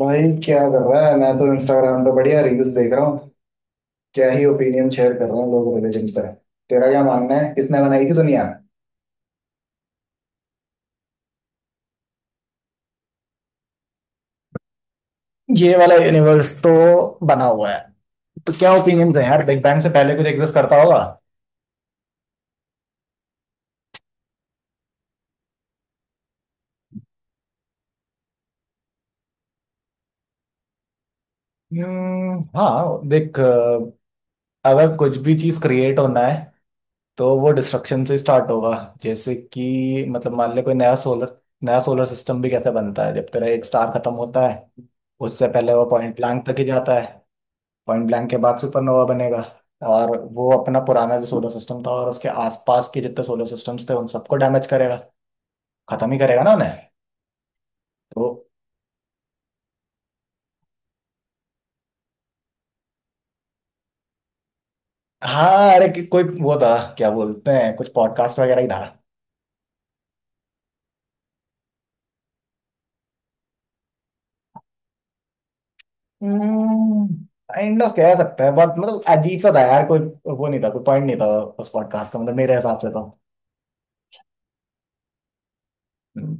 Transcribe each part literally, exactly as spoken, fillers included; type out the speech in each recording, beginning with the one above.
भाई क्या कर रहा है? मैं तो इंस्टाग्राम पे बढ़िया रील्स देख रहा हूँ। क्या ही ओपिनियन शेयर कर रहे हैं लोग रिलीजन पे। तेरा क्या मानना है, किसने बनाई थी दुनिया? ये वाला यूनिवर्स तो बना हुआ है। तो क्या ओपिनियन है यार, बिग बैंग से पहले कुछ एग्जिस्ट करता होगा? हम्म, हाँ देख, अ, अगर कुछ भी चीज क्रिएट होना है तो वो डिस्ट्रक्शन से स्टार्ट होगा। जैसे कि मतलब मान ले कोई नया सोलर नया सोलर सिस्टम भी कैसे बनता है? जब तेरा एक स्टार खत्म होता है, उससे पहले वो पॉइंट ब्लैंक तक ही जाता है। पॉइंट ब्लैंक के बाद सुपरनोवा बनेगा। और वो अपना पुराना जो सोलर सिस्टम था और उसके आसपास के जितने सोलर सिस्टम्स थे उन सबको डैमेज करेगा, खत्म ही करेगा ना उन्हें। तो हाँ, अरे कि- कोई वो था, क्या बोलते हैं, कुछ पॉडकास्ट वगैरह ही था। काइंड ऑफ कह सकते हैं, बहुत मतलब अजीब सा था यार कोई। वो नहीं था, कोई पॉइंट नहीं था उस पॉडकास्ट का, मतलब मेरे हिसाब से तो। हम्म।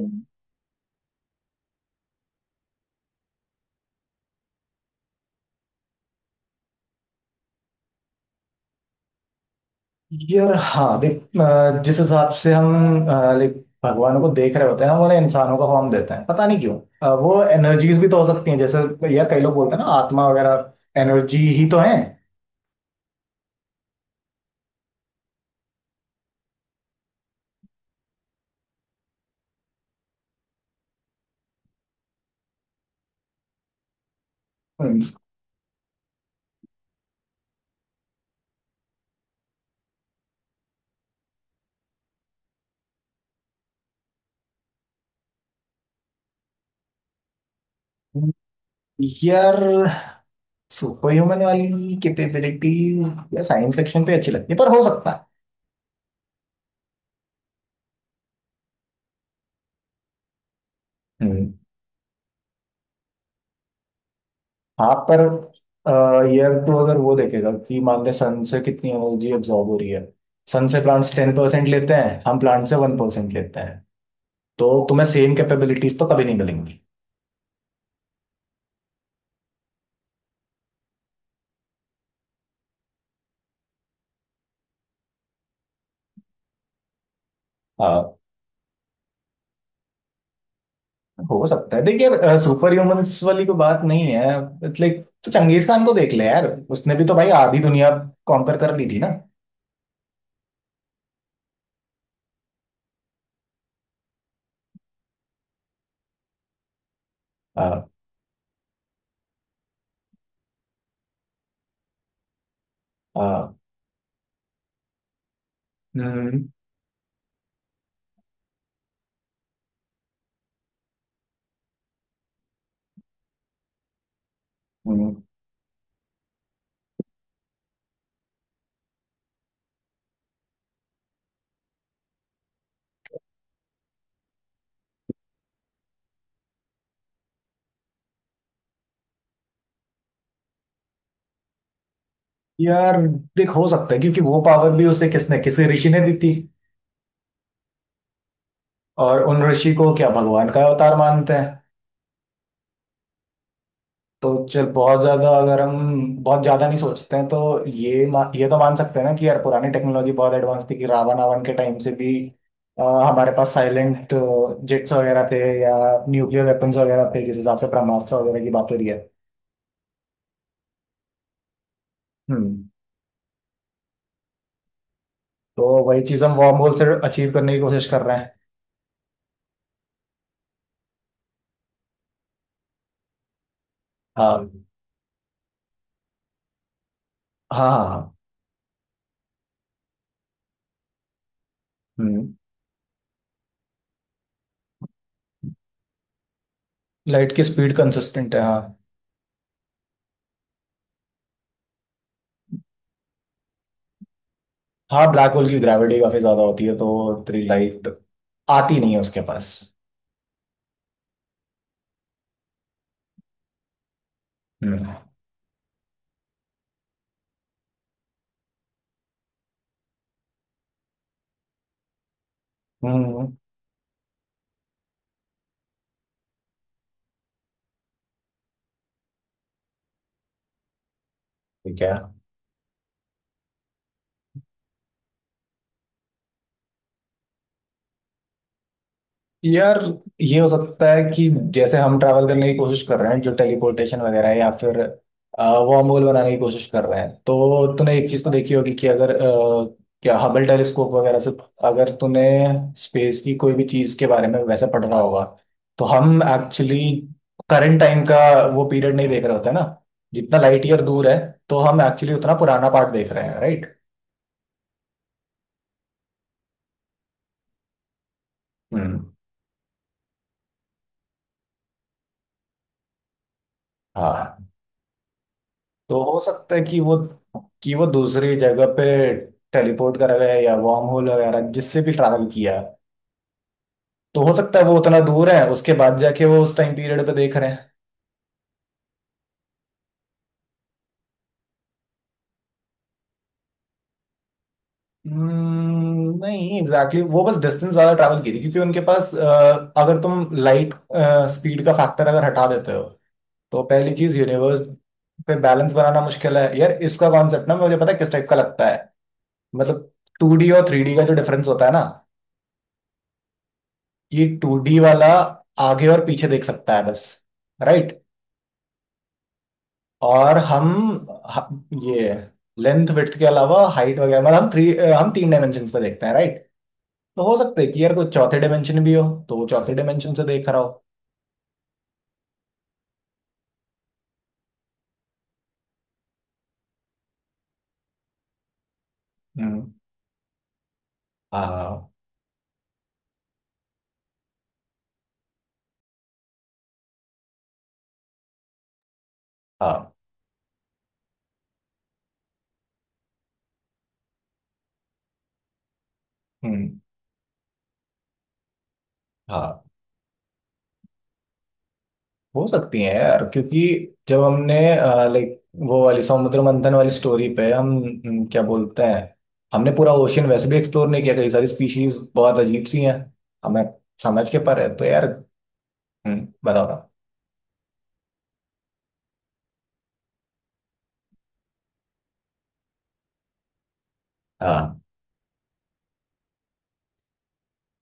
हम्म। यार हाँ देख, अ, जिस हिसाब से हम लाइक भगवानों को देख रहे होते हैं, हम उन्हें इंसानों का फॉर्म देते हैं, पता नहीं क्यों। अ, वो एनर्जीज भी तो हो सकती हैं। जैसे यार कई लोग बोलते हैं ना, आत्मा वगैरह एनर्जी ही तो है। हम्म। यार सुपर ह्यूमन वाली कैपेबिलिटीज या साइंस फिक्शन पे अच्छी लगती है, पर हो सकता है। हम्म। हाँ पर अ, यार तो अगर वो देखेगा कि मान ले सन से कितनी एनर्जी एब्जॉर्ब हो रही है, सन से प्लांट्स टेन परसेंट लेते हैं, हम प्लांट से वन परसेंट लेते हैं, तो तुम्हें सेम कैपेबिलिटीज तो कभी नहीं मिलेंगी। हाँ, हो सकता है देखिए, सुपर ह्यूमंस वाली कोई बात नहीं है। लाइक तो चंगेज खान को देख ले यार, उसने भी तो भाई आधी दुनिया कॉन्कर कर ली थी ना। आ, आ, हम्म, हम्म। यार देख, हो सकता है, क्योंकि वो पावर भी उसे किसने किसी ऋषि ने दी थी। और उन ऋषि को क्या भगवान का अवतार मानते हैं। तो चल, बहुत ज्यादा अगर हम बहुत ज्यादा नहीं सोचते हैं तो ये मा, ये तो मान सकते हैं ना कि यार पुरानी टेक्नोलॉजी बहुत एडवांस थी, कि रावण आवन के टाइम से भी अ, हमारे पास साइलेंट जेट्स वगैरह थे, या न्यूक्लियर वेपन्स वगैरह थे, जिस हिसाब से ब्रह्मास्त्र वगैरह की बात हो रही है। हम्म। तो वही चीज हम वॉर्म होल से अचीव करने की कोशिश कर रहे हैं। हाँ हाँ हाँ हाँ, हम्म। लाइट की स्पीड कंसिस्टेंट है, हाँ। हाँ, ब्लैक होल की ग्रेविटी काफी ज्यादा होती है, तो तेरी लाइट आती नहीं है उसके पास। हम्म। हम्म। ठीक है। यार ये हो सकता है कि जैसे हम ट्रैवल करने की कोशिश कर रहे हैं, जो टेलीपोर्टेशन वगैरह है, या फिर वॉर्म होल बनाने की कोशिश कर रहे हैं, तो तूने एक चीज तो देखी होगी कि अगर अ, क्या हबल टेलीस्कोप वगैरह से अगर तूने स्पेस की कोई भी चीज के बारे में वैसे पढ़ रहा होगा, तो हम एक्चुअली करंट टाइम का वो पीरियड नहीं देख रहे होते ना, जितना लाइट ईयर दूर है तो हम एक्चुअली उतना पुराना पार्ट देख रहे हैं, राइट। हम्म। हाँ, तो हो सकता है कि वो कि वो दूसरी जगह पे टेलीपोर्ट करा गया है, या वॉर्म होल वगैरह जिससे भी ट्रैवल किया है, तो हो सकता है वो उतना दूर है, उसके बाद जाके वो उस टाइम पीरियड पे देख रहे हैं। Hmm, नहीं एग्जैक्टली exactly। वो बस डिस्टेंस ज्यादा ट्रैवल की थी, क्योंकि उनके पास अ, अगर तुम लाइट स्पीड का फैक्टर अगर हटा देते हो, तो पहली चीज यूनिवर्स पे बैलेंस बनाना मुश्किल है यार। इसका कॉन्सेप्ट ना, मुझे पता है किस टाइप का लगता है, मतलब टू डी और थ्री डी का जो डिफरेंस होता है ना, ये टू डी वाला आगे और पीछे देख सकता है बस, राइट। और हम हम- ये लेंथ विड्थ के अलावा हाइट वगैरह, मतलब हम थ्री हम तीन डायमेंशन पे देखते हैं, राइट। तो हो सकता है कि यार कोई चौथे डायमेंशन भी हो, तो वो चौथे डायमेंशन से देख रहा हो। हम्म। हाँ हाँ। हम्म। हाँ, हो सकती है यार, क्योंकि जब हमने लाइक वो वाली समुद्र मंथन वाली स्टोरी पे, हम हम्म, क्या बोलते हैं, हमने पूरा ओशियन वैसे भी एक्सप्लोर नहीं किया, कई सारी स्पीशीज बहुत अजीब सी हैं, हमें समझ के पर है तो यार। हम्म, बताओ ना। हाँ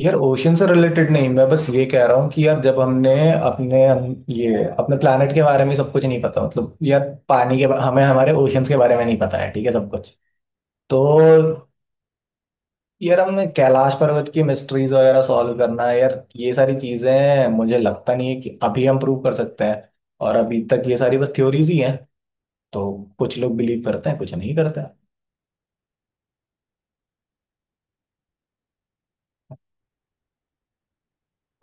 यार, ओशियन से रिलेटेड नहीं, मैं बस ये कह रहा हूँ कि यार जब हमने अपने हम, ये अपने प्लानट के बारे में सब कुछ नहीं पता, मतलब यार पानी के बा- हमें हमारे ओशियंस के बारे में नहीं पता है ठीक है, सब कुछ। तो यार हमने कैलाश पर्वत की मिस्ट्रीज वगैरह सॉल्व करना है यार। ये सारी चीजें मुझे लगता नहीं है कि अभी हम प्रूव कर सकते हैं, और अभी तक ये सारी बस थ्योरीज ही हैं। तो कुछ लोग बिलीव करते हैं, कुछ नहीं करते हैं।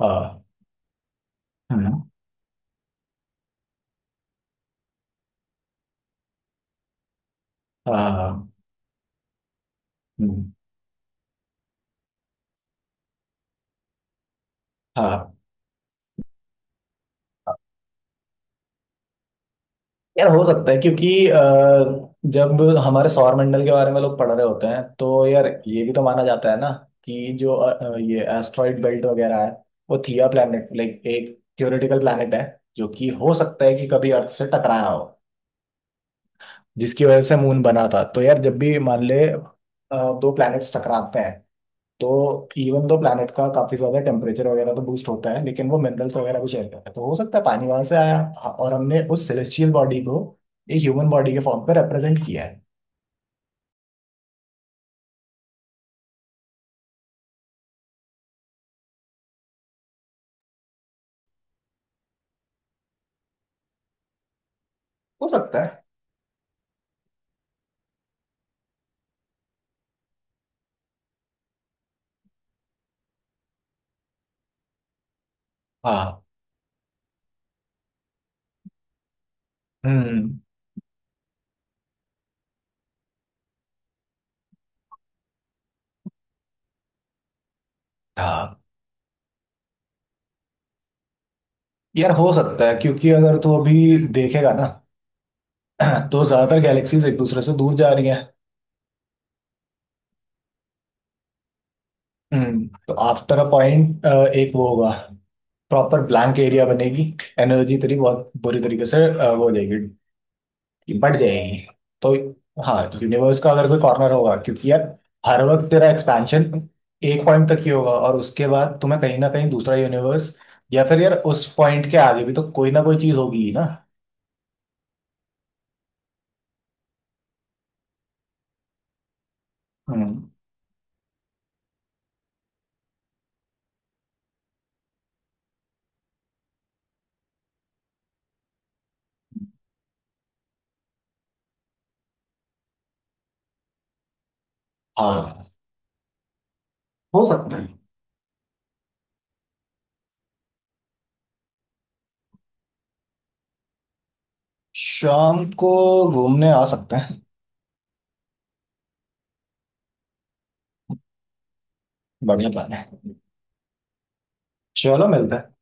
हाँ, है ना। हाँ हाँ हाँ। यार हो सकता है, क्योंकि अ, जब हमारे सौर मंडल के बारे में लोग पढ़ रहे होते हैं, तो यार ये भी तो माना जाता है ना कि जो अ, अ, ये एस्ट्रॉइड बेल्ट वगैरह है, वो थिया प्लैनेट लाइक एक थियोरेटिकल प्लैनेट है, जो कि हो सकता है कि कभी अर्थ से टकराया हो, जिसकी वजह से मून बना था। तो यार जब भी मान ले अ, दो प्लैनेट्स टकराते हैं, तो इवन दो प्लैनेट का काफी ज्यादा टेम्परेचर वगैरह तो बूस्ट होता है, लेकिन वो मिनरल्स वगैरह भी शेयर करता है, तो हो सकता है पानी वहां से आया। हाँ, और हमने उस सेलेस्टियल बॉडी को एक ह्यूमन बॉडी के फॉर्म पर रिप्रेजेंट किया है। हो सकता है। हाँ। हम्म। हाँ यार हो सकता है, क्योंकि अगर तू अभी देखेगा ना तो ज्यादातर गैलेक्सीज एक दूसरे से दूर जा रही हैं। हम्म, तो आफ्टर अ पॉइंट एक वो होगा, प्रॉपर ब्लैंक एरिया बनेगी, एनर्जी तेरी बहुत बुरी तरीके से अ, वो हो जाएगी, बढ़ जाएगी। तो हाँ, यूनिवर्स का अगर कोई कॉर्नर होगा, क्योंकि यार हर वक्त तेरा एक्सपेंशन एक पॉइंट तक ही होगा, और उसके बाद तुम्हें कहीं ना कहीं दूसरा यूनिवर्स, या फिर यार उस पॉइंट के आगे भी तो कोई ना कोई चीज होगी ही ना। हम्म। हाँ, हो सकता है। शाम को घूमने आ सकते हैं। बढ़िया प्लान है। चलो मिलते हैं।